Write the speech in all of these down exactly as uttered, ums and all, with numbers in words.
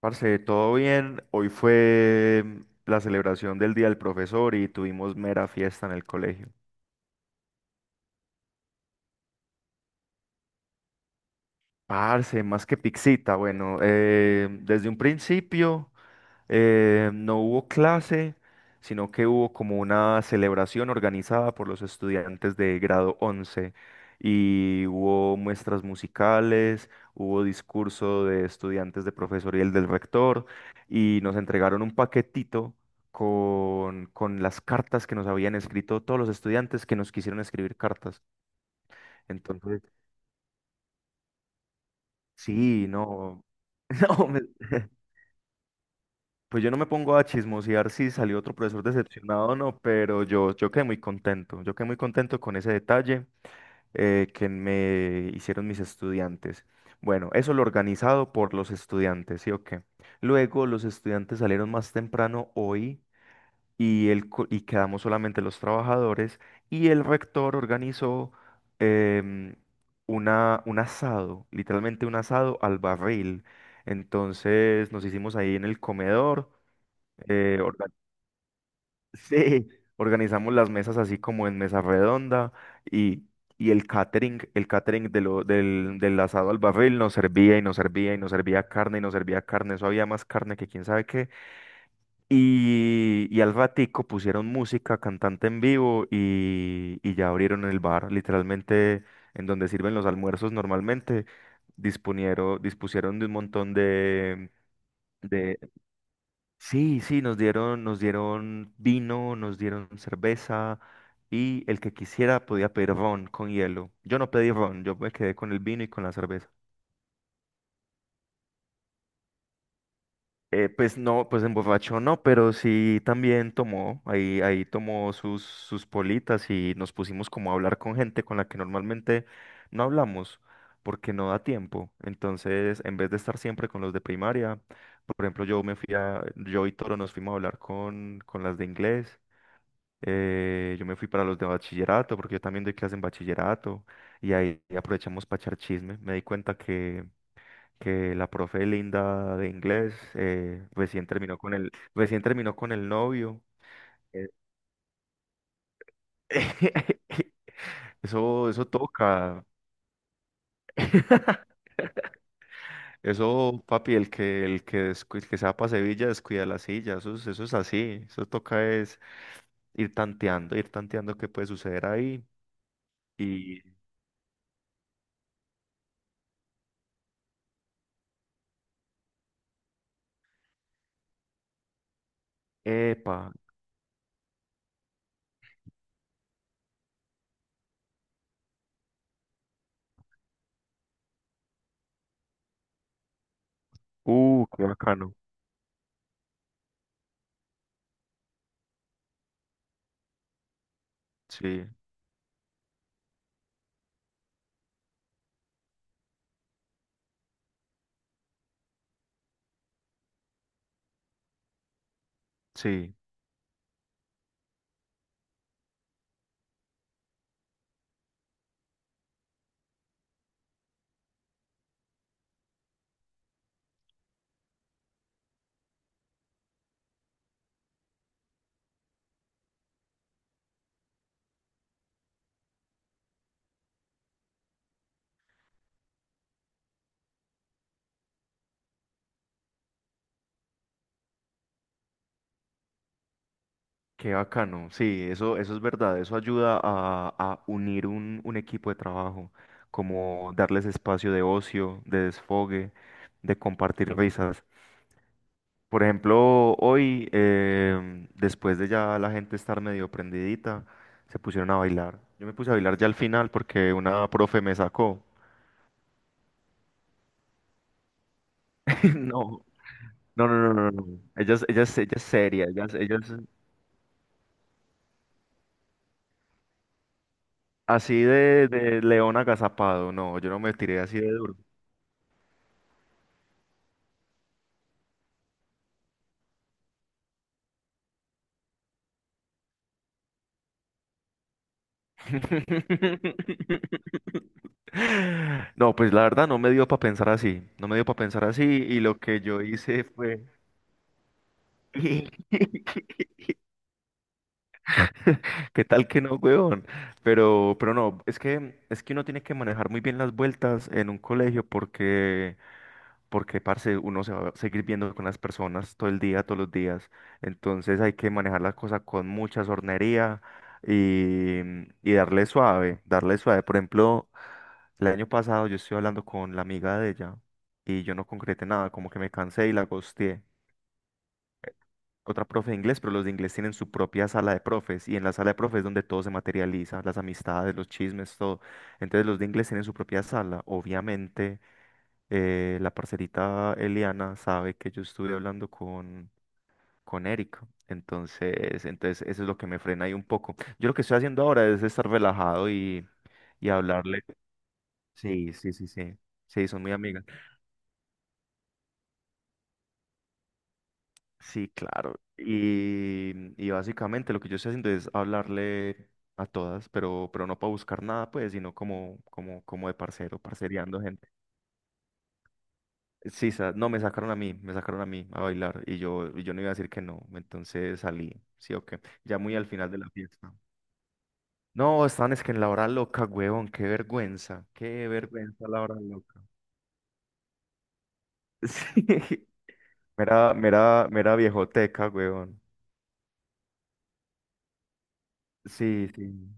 Parce, todo bien. Hoy fue mm, la celebración del Día del Profesor y tuvimos mera fiesta en el colegio. Parce, más que pixita. Bueno, eh, desde un principio. Eh, no hubo clase, sino que hubo como una celebración organizada por los estudiantes de grado once y hubo muestras musicales, hubo discurso de estudiantes de profesor y el del rector y nos entregaron un paquetito con, con las cartas que nos habían escrito todos los estudiantes que nos quisieron escribir cartas. Entonces, sí, no, no, me- pues yo no me pongo a chismosear si salió otro profesor decepcionado o no, pero yo, yo quedé muy contento, yo quedé muy contento con ese detalle eh, que me hicieron mis estudiantes. Bueno, eso lo organizado por los estudiantes, ¿sí o qué? Luego los estudiantes salieron más temprano hoy y, el, co- y quedamos solamente los trabajadores y el rector organizó em, una, un asado, literalmente un asado al barril. Entonces nos hicimos ahí en el comedor eh, orga- sí, organizamos las mesas así como en mesa redonda y, y el catering, el catering de lo, del, del asado al barril nos servía y nos servía y nos servía carne y nos servía carne, eso había más carne que quién sabe qué. Y, y al ratico pusieron música, cantante en vivo y, y ya abrieron el bar, literalmente en donde sirven los almuerzos normalmente, disponieron, dispusieron de un montón de... de- Sí, sí, nos dieron, nos dieron vino, nos dieron cerveza y el que quisiera podía pedir ron con hielo. Yo no pedí ron, yo me quedé con el vino y con la cerveza. Eh, pues no, pues emborrachó no, pero sí también tomó, ahí, ahí tomó sus, sus politas y nos pusimos como a hablar con gente con la que normalmente no hablamos porque no da tiempo. Entonces, en vez de estar siempre con los de primaria, por ejemplo, yo me fui a, yo y Toro nos fuimos a hablar con, con las de inglés. Eh, yo me fui para los de bachillerato, porque yo también doy clase en bachillerato, y ahí aprovechamos para echar chisme. Me di cuenta que, que la profe Linda de inglés eh, recién terminó con el, recién terminó con el novio. Eh, Eso, eso toca. Eso, papi, el que, el que, descu- el que se va para Sevilla descuida la silla. Eso, es- eso es así. Eso toca es ir tanteando, ir tanteando qué puede suceder ahí. Y, epa. Uh, qué bacano. Sí, sí, qué bacano. Sí, eso, eso es verdad. Eso ayuda a, a unir un, un equipo de trabajo, como darles espacio de ocio, de desfogue, de compartir risas. Por ejemplo, hoy, em, después de ya la gente estar medio prendidita, se pusieron a bailar. Yo me puse a bailar ya al final porque una profe me sacó. No, no, no, no, no, no. Ella es, ella es, ella es seria, ella es, ella es- Así de, de león agazapado, no, yo no me tiré así de duro. No, pues la verdad no me dio para pensar así, no me dio para pensar así y lo que yo hice fue... ¿Qué tal que no, huevón? Pero, pero no, es que, es que uno tiene que manejar muy bien las vueltas en un colegio porque porque, parce, uno se va a seguir viendo con las personas todo el día, todos los días. Entonces hay que manejar la cosa con mucha sornería y, y darle suave, darle suave. Por ejemplo, el año pasado yo estoy hablando con la amiga de ella y yo no concreté nada, como que me cansé y la ghosteé. Otra profe de inglés, pero los de inglés tienen su propia sala de profes y en la sala de profes es donde todo se materializa, las amistades, los chismes, todo. Entonces los de inglés tienen su propia sala, obviamente eh, la parcerita Eliana sabe que yo estuve hablando con, con Erika. Entonces, entonces eso es lo que me frena ahí un poco. Yo lo que estoy haciendo ahora es estar relajado y, y hablarle. Sí, sí, sí, sí. Sí, son muy amigas. Sí, claro. Y, y básicamente lo que yo estoy haciendo es hablarle a todas, pero, pero no para buscar nada, pues, sino como, como, como de parcero, parceriando. Sí, sa- no, me sacaron a mí, me sacaron a mí a bailar y yo, y yo no iba a decir que no, entonces salí, sí o qué, ya muy al final de la fiesta. No, están es que en la hora loca, huevón, qué vergüenza, qué vergüenza la hora loca. Sí, mera, mera, mera viejoteca, huevón. Sí, sí.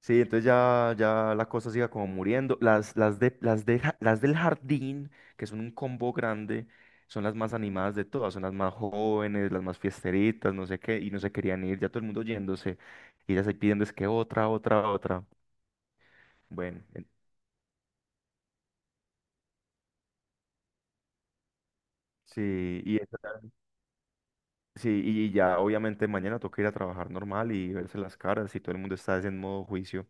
Sí, entonces ya, ya la cosa siga como muriendo. Las, las, de, las, de ja- las del jardín, que son un combo grande, son las más animadas de todas, son las más jóvenes, las más fiesteritas, no sé qué, y no se querían ir, ya todo el mundo yéndose, y ya ahí pidiendo es que otra, otra, otra. Bueno, en- sí, y, esa- sí, y ya obviamente mañana toca ir a trabajar normal y verse las caras, y todo el mundo está en modo juicio.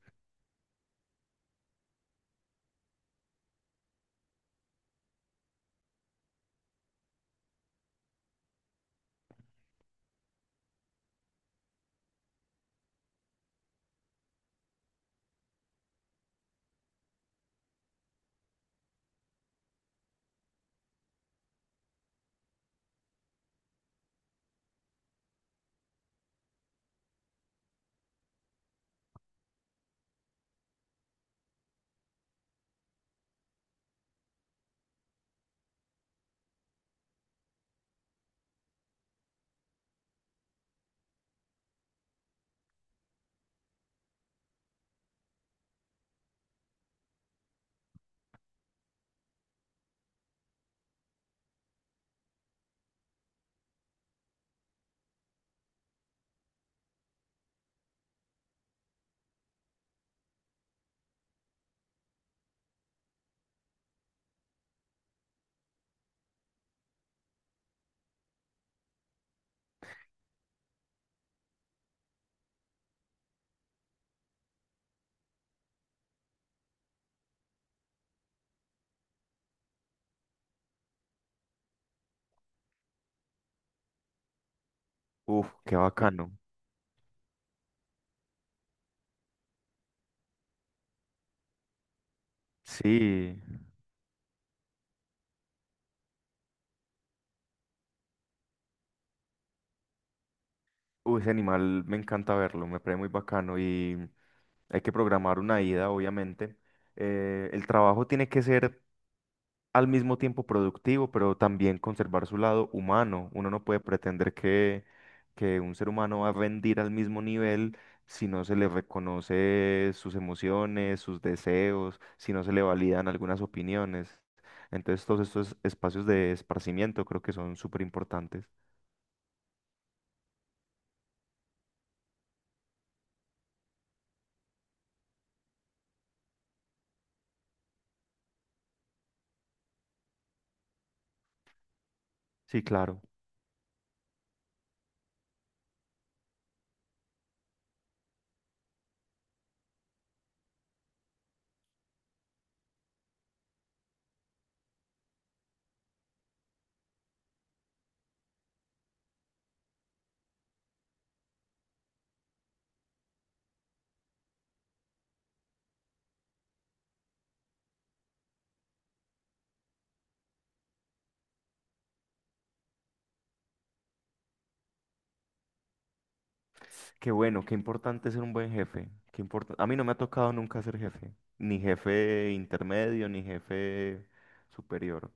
Uf, qué bacano. Sí, uy, ese animal me encanta verlo, me parece muy bacano y hay que programar una ida, obviamente. Eh, el trabajo tiene que ser al mismo tiempo productivo, pero también conservar su lado humano. Uno no puede pretender que, que un ser humano va a rendir al mismo nivel si no se le reconoce sus emociones, sus deseos, si no se le validan algunas opiniones. Entonces, todos estos espacios de esparcimiento creo que son súper importantes. Sí, claro. Qué bueno, qué importante ser un buen jefe. Qué importa- A mí no me ha tocado nunca ser jefe, ni jefe intermedio, ni jefe superior.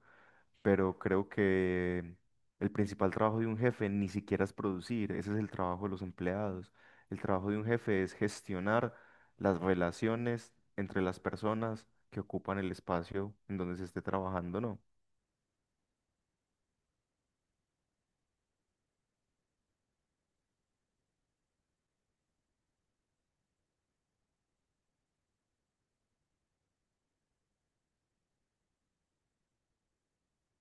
Pero creo que el principal trabajo de un jefe ni siquiera es producir, ese es el trabajo de los empleados. El trabajo de un jefe es gestionar las relaciones entre las personas que ocupan el espacio en donde se esté trabajando, ¿no?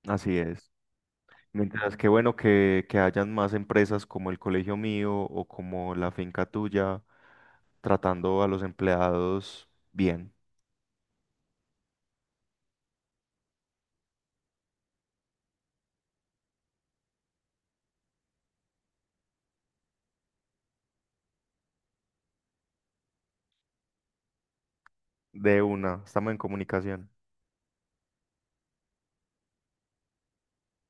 Así es. Mientras que bueno que, que hayan más empresas como el colegio mío o como la finca tuya, tratando a los empleados bien. De una, estamos en comunicación.